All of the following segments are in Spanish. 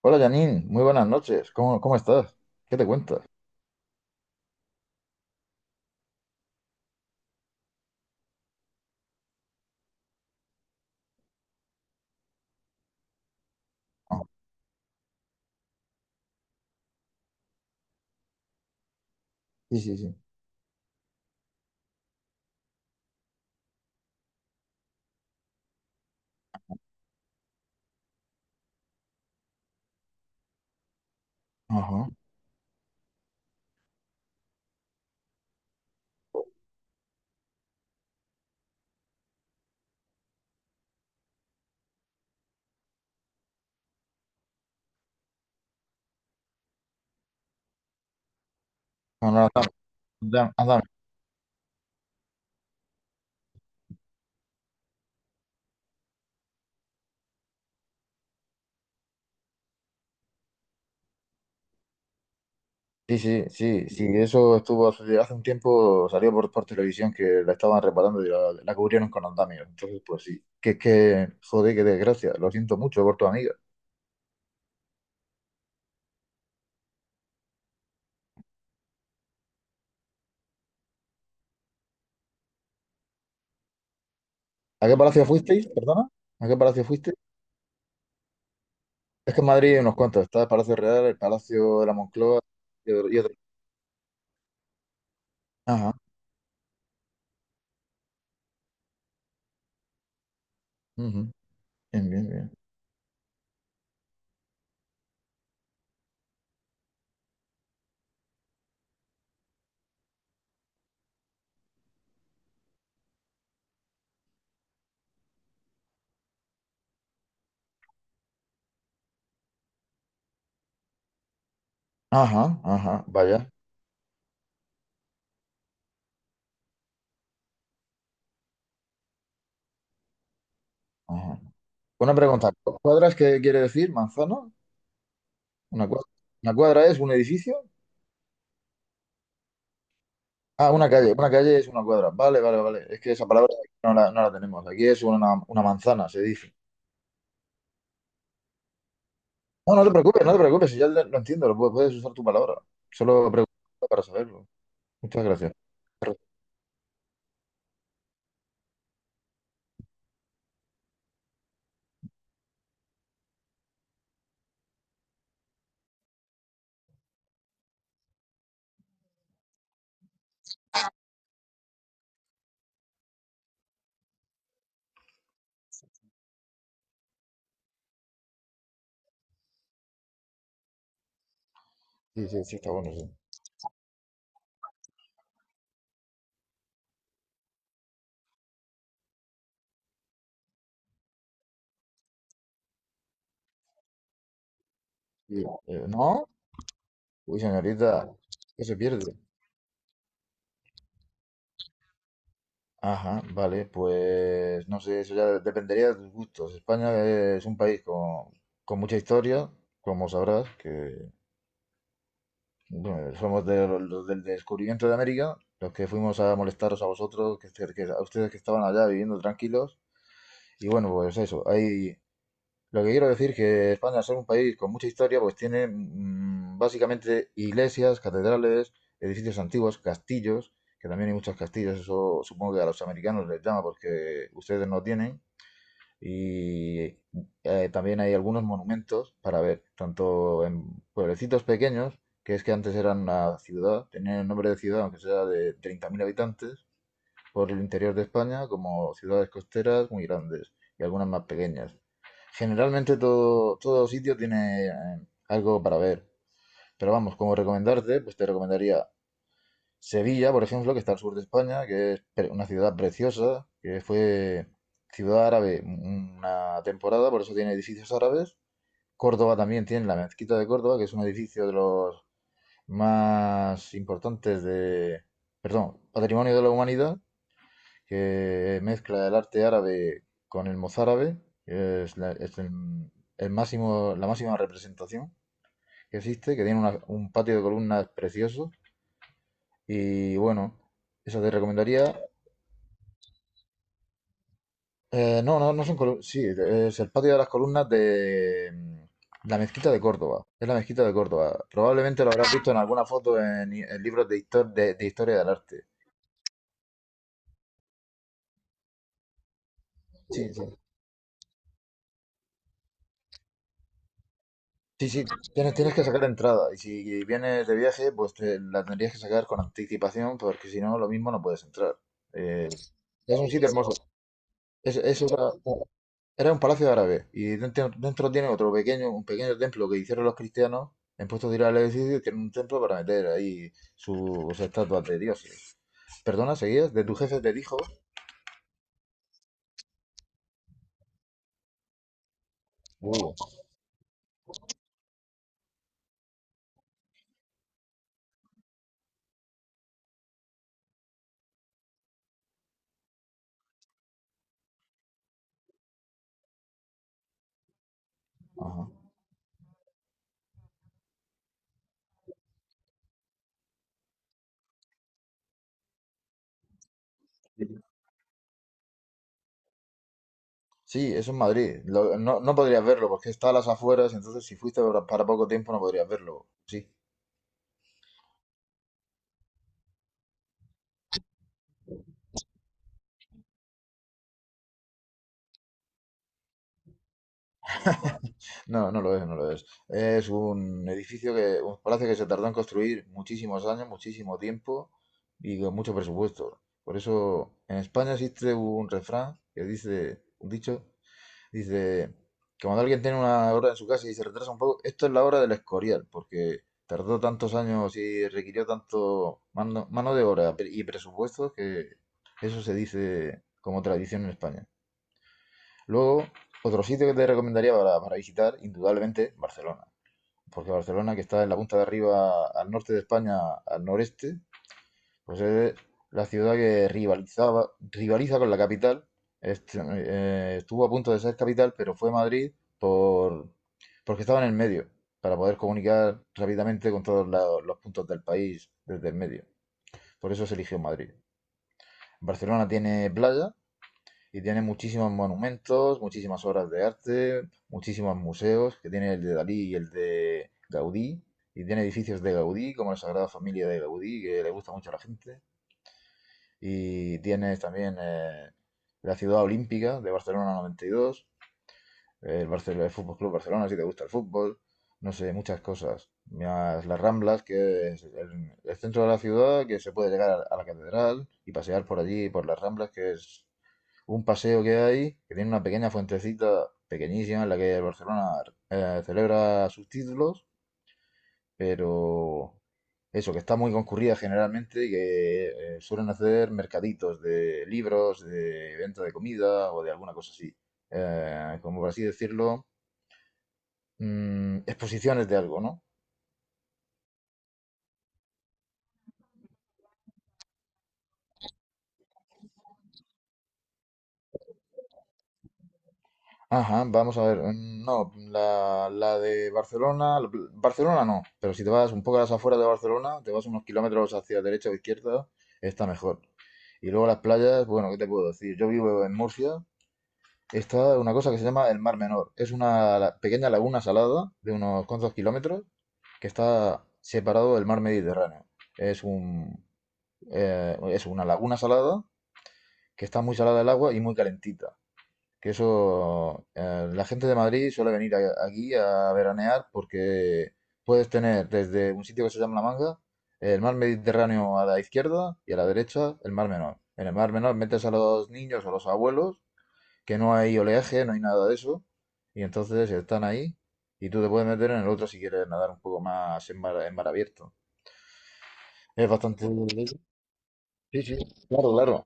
Hola Janine, muy buenas noches. ¿Cómo estás? ¿Qué te cuentas? Ah, sí, sí, sí. Ajá. No, no, anda. Sí, sí, sí, sí. Eso estuvo hace un tiempo, salió por televisión que la estaban reparando y la cubrieron con andamios. Entonces, pues sí. Que es que, joder, qué desgracia. Lo siento mucho por tu amiga. ¿A qué palacio fuisteis? ¿Perdona? ¿A qué palacio fuisteis? Es que en Madrid hay unos cuantos. Está el Palacio Real, el Palacio de la Moncloa y otro. Ajá. Ujú. Bien, bien, bien. Ajá, ajá. Vaya. Ajá. Una pregunta. ¿Cuadras qué quiere decir? ¿Manzana? Una cuadra. ¿Una cuadra es un edificio? Ah, una calle. Una calle es una cuadra. Vale, vale, vale. Es que esa palabra no la tenemos. Aquí es una manzana, se dice. No, no te preocupes, no te preocupes. Si ya lo entiendo, lo puedes usar tu palabra. Solo pregunto para saberlo. Muchas gracias. Sí, sí, sí, está bueno, sí. Sí. ¿No? Uy, señorita, ¿qué se pierde? Ajá, vale, pues no sé, eso ya dependería de tus gustos. España es un país con mucha historia, como sabrás, que bueno, somos de los del descubrimiento de América, los que fuimos a molestaros a vosotros, a ustedes que estaban allá viviendo tranquilos. Y bueno, pues eso, lo que quiero decir que España, al ser un país con mucha historia, pues tiene básicamente iglesias, catedrales, edificios antiguos, castillos, que también hay muchos castillos, eso supongo que a los americanos les llama porque ustedes no tienen, y también hay algunos monumentos para ver, tanto en pueblecitos pequeños, que es que antes eran una ciudad, tenían el nombre de ciudad, aunque sea de 30.000 habitantes, por el interior de España, como ciudades costeras muy grandes y algunas más pequeñas. Generalmente todo sitio tiene algo para ver. Pero vamos, como recomendarte, pues te recomendaría Sevilla, por ejemplo, que está al sur de España, que es una ciudad preciosa, que fue ciudad árabe una temporada, por eso tiene edificios árabes. Córdoba también tiene la mezquita de Córdoba, que es un edificio de los más importantes de, perdón, Patrimonio de la Humanidad, que mezcla el arte árabe con el mozárabe, que es, es el máximo, la máxima representación que existe, que tiene un patio de columnas precioso. Y bueno, eso te recomendaría. No, no, no son columnas. Sí, es el patio de las columnas de la mezquita de Córdoba. Es la mezquita de Córdoba. Probablemente lo habrás visto en alguna foto en libros de historia del arte. Sí, sí. Sí, sí, tienes que sacar entrada y si vienes de viaje, pues la tendrías que sacar con anticipación porque si no, lo mismo no puedes entrar. Eh, es un sitio hermoso. Es, es otra- Era un palacio árabe y dentro tiene otro pequeño, un pequeño templo que hicieron los cristianos en puestos de ir al edificio, tienen un templo para meter ahí sus estatuas de dioses. Perdona, ¿seguías? De tu jefe te dijo. Uh, ajá. Sí, eso es Madrid. No, podrías verlo porque está a las afueras, entonces si fuiste para poco tiempo no podrías verlo. Sí. No, no lo es, no lo es. Es un edificio un palacio que se tardó en construir muchísimos años, muchísimo tiempo y con mucho presupuesto. Por eso en España existe un refrán que dice, un dicho, dice que cuando alguien tiene una obra en su casa y se retrasa un poco, esto es la obra del Escorial, porque tardó tantos años y requirió tanto mano de obra y presupuesto que eso se dice como tradición en España. Luego, otro sitio que te recomendaría para visitar, indudablemente, Barcelona. Porque Barcelona, que está en la punta de arriba al norte de España, al noreste, pues es la ciudad que rivalizaba, rivaliza con la capital. Estuvo a punto de ser capital, pero fue Madrid por, porque estaba en el medio, para poder comunicar rápidamente con todos los puntos del país desde el medio. Por eso se eligió Madrid. Barcelona tiene playa, y tiene muchísimos monumentos, muchísimas obras de arte, muchísimos museos, que tiene el de Dalí y el de Gaudí, y tiene edificios de Gaudí, como la Sagrada Familia de Gaudí, que le gusta mucho a la gente, y tiene también la Ciudad Olímpica de Barcelona 92, Barcelona, el Fútbol Club Barcelona, si te gusta el fútbol, no sé, muchas cosas. Más las Ramblas, que es el centro de la ciudad, que se puede llegar a la catedral y pasear por allí, por las Ramblas, que es un paseo que hay, que tiene una pequeña fuentecita pequeñísima en la que el Barcelona celebra sus títulos, pero eso, que está muy concurrida generalmente y que suelen hacer mercaditos de libros, de venta de comida o de alguna cosa así. Como por así decirlo, exposiciones de algo, ¿no? Ajá, vamos a ver. No, la de Barcelona, Barcelona no, pero si te vas un poco a las afueras de Barcelona, te vas unos kilómetros hacia derecha o izquierda, está mejor. Y luego las playas, bueno, ¿qué te puedo decir? Yo vivo en Murcia, está una cosa que se llama el Mar Menor. Es una pequeña laguna salada de unos cuantos kilómetros que está separado del mar Mediterráneo. Es un, es una laguna salada que está muy salada el agua y muy calentita. Que eso, la gente de Madrid suele venir aquí a veranear porque puedes tener desde un sitio que se llama La Manga, el mar Mediterráneo a la izquierda y a la derecha el mar Menor. En el mar Menor metes a los niños o a los abuelos, que no hay oleaje, no hay nada de eso, y entonces están ahí y tú te puedes meter en el otro si quieres nadar un poco más en mar abierto. Es bastante. Sí, sí, claro, claro.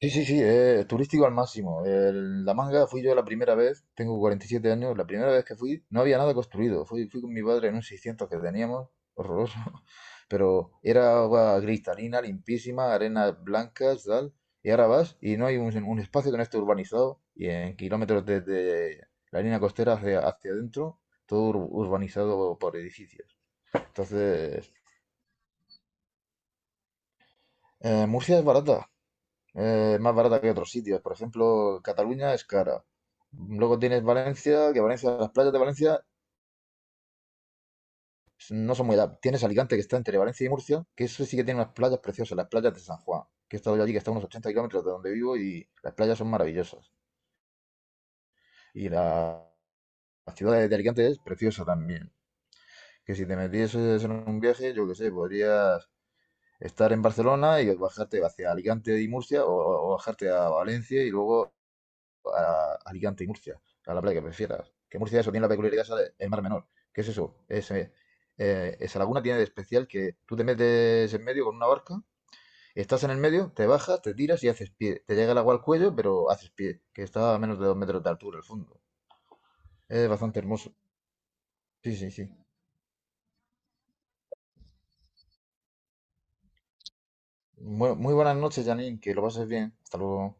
Sí, sí, sí, turístico al máximo. La manga fui yo la primera vez, tengo 47 años, la primera vez que fui no había nada construido. Fui con mi padre en un 600 que teníamos, horroroso, pero era agua cristalina, limpísima, arenas blancas, tal. Y ahora vas y no hay un espacio que no esté urbanizado y en kilómetros desde la línea costera hacia adentro, todo urbanizado por edificios. Entonces, Murcia es barata, más barata que otros sitios. Por ejemplo, Cataluña es cara. Luego tienes Valencia, que Valencia, las playas de Valencia no son muy da. Tienes Alicante, que está entre Valencia y Murcia, que eso sí que tiene unas playas preciosas, las playas de San Juan, que he estado yo allí, que está a unos 80 kilómetros de donde vivo y las playas son maravillosas. Y la ciudad de Alicante es preciosa también. Que si te metieses en un viaje, yo qué sé, podrías estar en Barcelona y bajarte hacia Alicante y Murcia o bajarte a Valencia y luego a Alicante y Murcia, a la playa que prefieras. Que Murcia eso tiene la peculiaridad esa el mar menor. ¿Qué es eso? Esa laguna tiene de especial que tú te metes en medio con una barca, estás en el medio, te bajas, te tiras y haces pie. Te llega el agua al cuello, pero haces pie, que está a menos de 2 metros de altura el fondo. Es bastante hermoso. Sí, sí, sí. Muy, muy buenas noches, Janine, que lo pases bien. Hasta luego.